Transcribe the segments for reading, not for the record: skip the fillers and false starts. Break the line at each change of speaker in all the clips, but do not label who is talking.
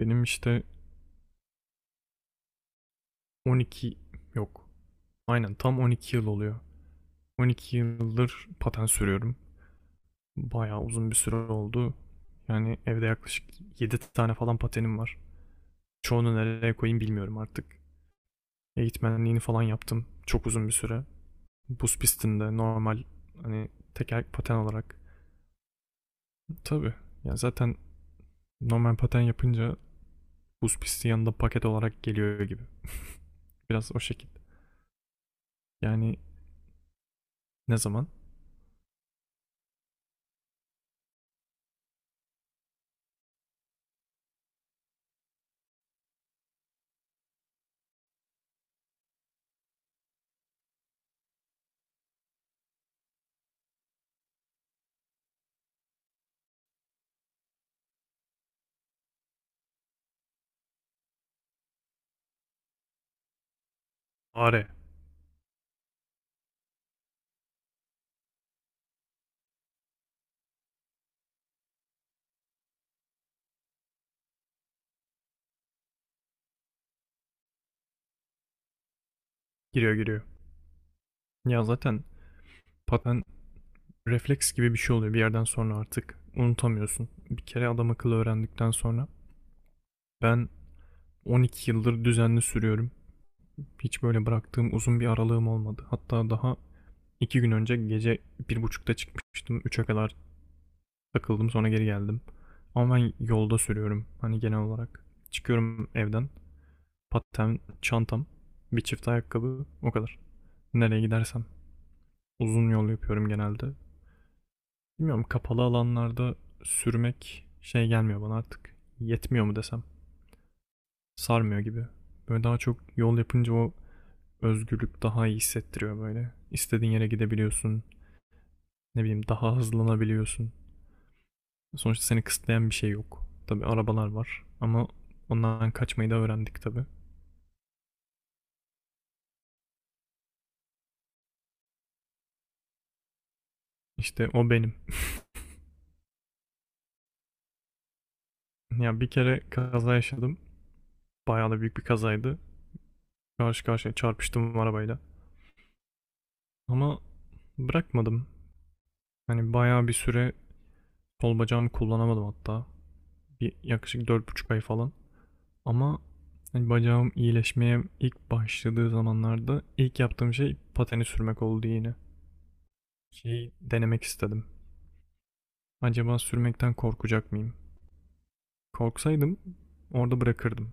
Benim işte 12 yok. Aynen tam 12 yıl oluyor. 12 yıldır patent sürüyorum. Bayağı uzun bir süre oldu. Yani evde yaklaşık 7 tane falan patenim var. Çoğunu nereye koyayım bilmiyorum artık. Eğitmenliğini falan yaptım. Çok uzun bir süre. Buz pistinde normal, hani teker paten olarak. Tabii. Yani zaten normal paten yapınca buz pisti yanında paket olarak geliyor gibi. Biraz o şekilde. Yani ne zaman? Are. Giriyor giriyor. Ya zaten paten refleks gibi bir şey oluyor bir yerden sonra artık. Unutamıyorsun. Bir kere adam akıllı öğrendikten sonra. Ben 12 yıldır düzenli sürüyorum. Hiç böyle bıraktığım uzun bir aralığım olmadı. Hatta daha 2 gün önce gece bir buçukta çıkmıştım. 3'e kadar takıldım sonra geri geldim. Ama ben yolda sürüyorum hani genel olarak. Çıkıyorum evden. Paten, çantam, bir çift ayakkabı o kadar. Nereye gidersem. Uzun yol yapıyorum genelde. Bilmiyorum kapalı alanlarda sürmek şey gelmiyor bana artık. Yetmiyor mu desem. Sarmıyor gibi. Böyle daha çok yol yapınca o özgürlük daha iyi hissettiriyor böyle. İstediğin yere gidebiliyorsun. Ne bileyim daha hızlanabiliyorsun. Sonuçta seni kısıtlayan bir şey yok. Tabii arabalar var ama ondan kaçmayı da öğrendik tabii. İşte o benim. Ya bir kere kaza yaşadım. Bayağı da büyük bir kazaydı. Karşı karşıya çarpıştım arabayla. Ama bırakmadım. Hani bayağı bir süre sol bacağımı kullanamadım hatta. Bir yaklaşık 4,5 ay falan. Ama hani bacağım iyileşmeye ilk başladığı zamanlarda ilk yaptığım şey pateni sürmek oldu yine. Şeyi denemek istedim. Acaba sürmekten korkacak mıyım? Korksaydım orada bırakırdım.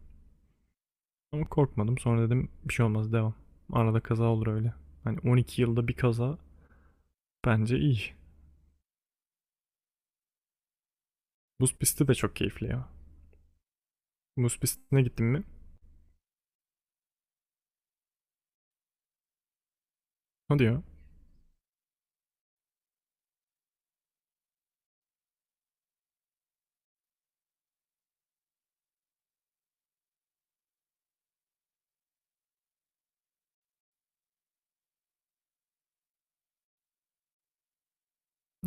Ama korkmadım. Sonra dedim bir şey olmaz devam. Arada kaza olur öyle. Hani 12 yılda bir kaza bence iyi. Buz pisti de çok keyifli ya. Buz pistine gittin mi? Hadi ya.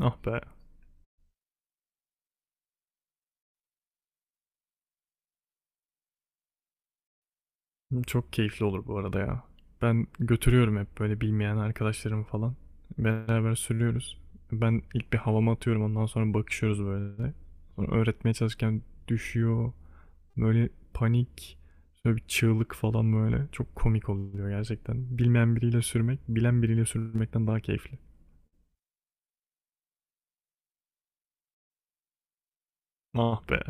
Ah be. Çok keyifli olur bu arada ya. Ben götürüyorum hep böyle bilmeyen arkadaşlarımı falan. Beraber sürüyoruz. Ben ilk bir havama atıyorum ondan sonra bakışıyoruz böyle. Sonra öğretmeye çalışırken düşüyor. Böyle panik, böyle bir çığlık falan böyle. Çok komik oluyor gerçekten. Bilmeyen biriyle sürmek, bilen biriyle sürmekten daha keyifli. Ah be.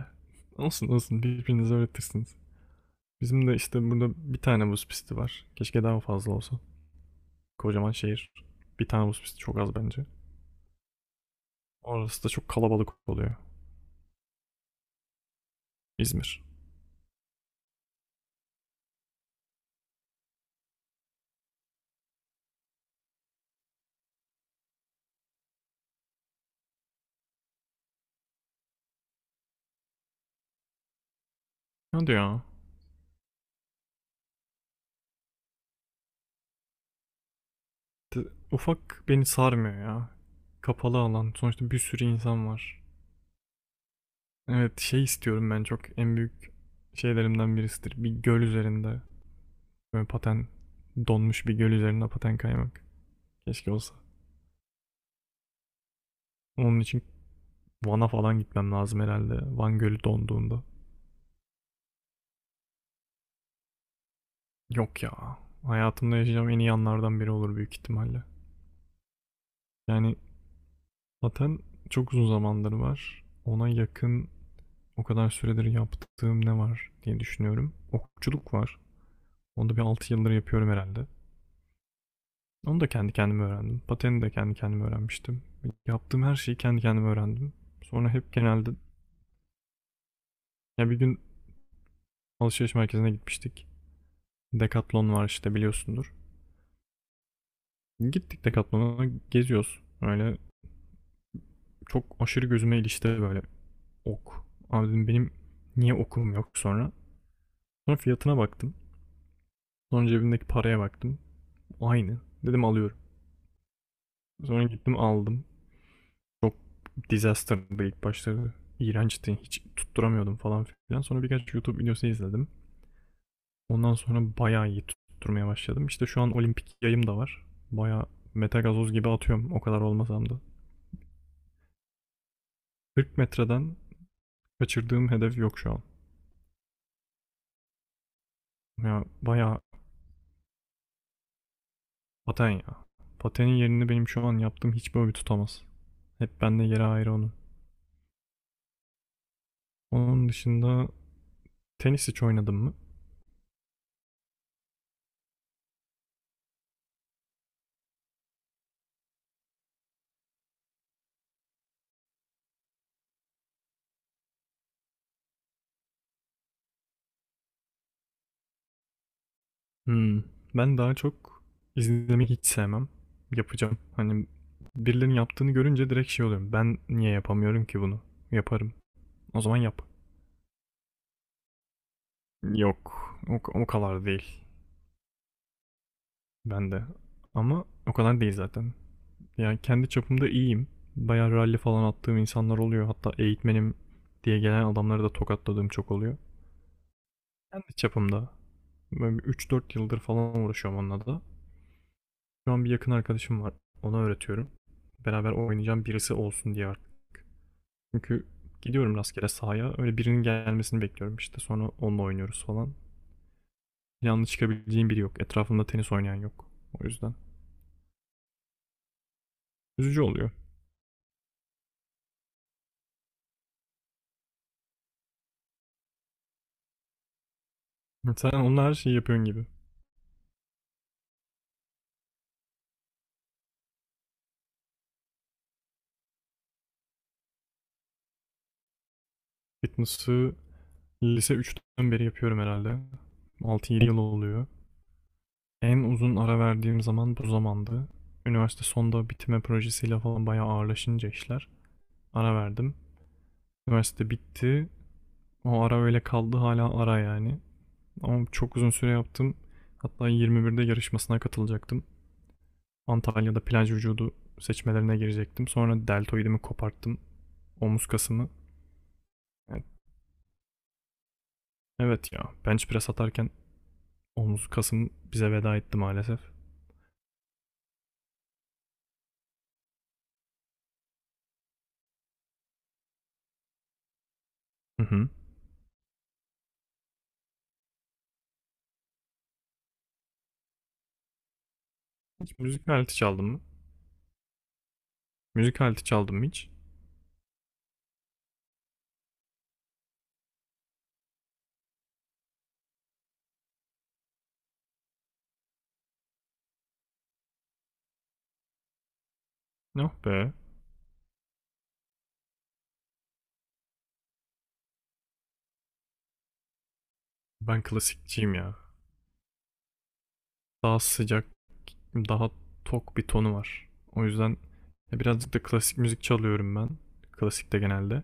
Olsun olsun birbirinize öğretirsiniz. Bizim de işte burada bir tane buz pisti var. Keşke daha fazla olsa. Kocaman şehir. Bir tane buz pisti çok az bence. Orası da çok kalabalık oluyor. İzmir. Ne hadi ya. Ufak beni sarmıyor ya. Kapalı alan. Sonuçta bir sürü insan var. Evet şey istiyorum ben çok en büyük şeylerimden birisidir. Bir göl üzerinde. Böyle paten donmuş bir göl üzerinde paten kaymak. Keşke olsa. Onun için Van'a falan gitmem lazım herhalde. Van Gölü donduğunda. Yok ya. Hayatımda yaşayacağım en iyi anlardan biri olur büyük ihtimalle. Yani zaten çok uzun zamandır var. Ona yakın o kadar süredir yaptığım ne var diye düşünüyorum. Okçuluk var. Onu da bir 6 yıldır yapıyorum herhalde. Onu da kendi kendime öğrendim. Pateni de kendi kendime öğrenmiştim. Yaptığım her şeyi kendi kendime öğrendim. Sonra hep genelde ya bir gün alışveriş merkezine gitmiştik. Decathlon var işte biliyorsundur. Gittik Decathlon'a geziyoruz. Öyle çok aşırı gözüme ilişti böyle ok. Abi dedim benim niye okum yok sonra. Sonra fiyatına baktım. Sonra cebimdeki paraya baktım. Aynı. Dedim alıyorum. Sonra gittim aldım. Çok disaster'dı ilk başları. İğrençti. Hiç tutturamıyordum falan filan. Sonra birkaç YouTube videosu izledim. Ondan sonra bayağı iyi tutturmaya başladım. İşte şu an olimpik yayım da var. Bayağı metagazoz gibi atıyorum o kadar olmasam da. 40 metreden kaçırdığım hedef yok şu an. Ya bayağı paten ya. Patenin yerini benim şu an yaptığım hiçbir hobi tutamaz. Hep bende yeri ayrı onun. Onun dışında tenis hiç oynadım mı? Hımm. Ben daha çok izlemeyi hiç sevmem. Yapacağım. Hani birilerinin yaptığını görünce direkt şey oluyorum. Ben niye yapamıyorum ki bunu? Yaparım. O zaman yap. Yok. O kadar değil. Ben de. Ama o kadar değil zaten. Yani kendi çapımda iyiyim. Bayağı rally falan attığım insanlar oluyor. Hatta eğitmenim diye gelen adamları da tokatladığım çok oluyor. Kendi çapımda. Böyle bir 3-4 yıldır falan uğraşıyorum onunla da. Şu an bir yakın arkadaşım var. Ona öğretiyorum. Beraber oynayacağım birisi olsun diye artık. Çünkü gidiyorum rastgele sahaya. Öyle birinin gelmesini bekliyorum işte. Sonra onunla oynuyoruz falan. Planlı çıkabileceğim biri yok. Etrafımda tenis oynayan yok. O yüzden. Üzücü oluyor. Sen onlar her şeyi yapıyorsun gibi. Fitness'ı lise üçten beri yapıyorum herhalde. 6-7 yıl oluyor. En uzun ara verdiğim zaman bu zamandı. Üniversite sonda bitirme projesiyle falan bayağı ağırlaşınca işler. Ara verdim. Üniversite bitti. O ara öyle kaldı hala ara yani. Ama çok uzun süre yaptım. Hatta 21'de yarışmasına katılacaktım. Antalya'da plaj vücudu seçmelerine girecektim. Sonra deltoidimi koparttım. Omuz kasımı. Yani evet ya bench press atarken omuz kasım bize veda etti maalesef. Hı hı. Hiç müzik aleti çaldım mı? Müzik aleti çaldım mı hiç? Yok be. Ben klasikçiyim ya. Daha sıcak, daha tok bir tonu var. O yüzden birazcık da klasik müzik çalıyorum ben. Klasik de genelde.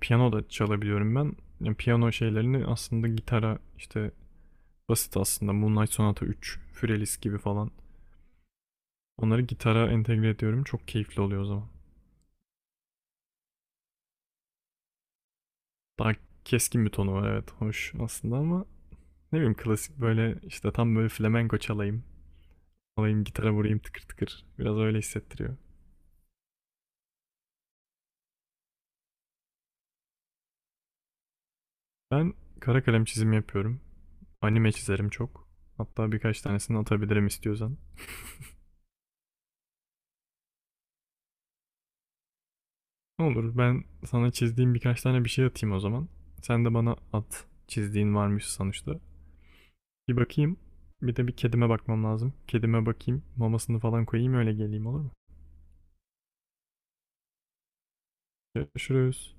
Piyano da çalabiliyorum ben. Yani piyano şeylerini aslında gitara işte basit aslında Moonlight Sonata 3, Fürelis gibi falan. Onları gitara entegre ediyorum. Çok keyifli oluyor o zaman. Daha keskin bir tonu var evet. Hoş aslında ama ne bileyim klasik böyle işte tam böyle flamenko çalayım. Alayım gitara vurayım tıkır tıkır. Biraz öyle hissettiriyor. Ben kara kalem çizimi yapıyorum. Anime çizerim çok. Hatta birkaç tanesini atabilirim istiyorsan. Ne olur ben sana çizdiğim birkaç tane bir şey atayım o zaman. Sen de bana at. Çizdiğin varmış sonuçta. Bir bakayım. Bir de bir kedime bakmam lazım. Kedime bakayım. Mamasını falan koyayım öyle geleyim olur mu? Görüşürüz.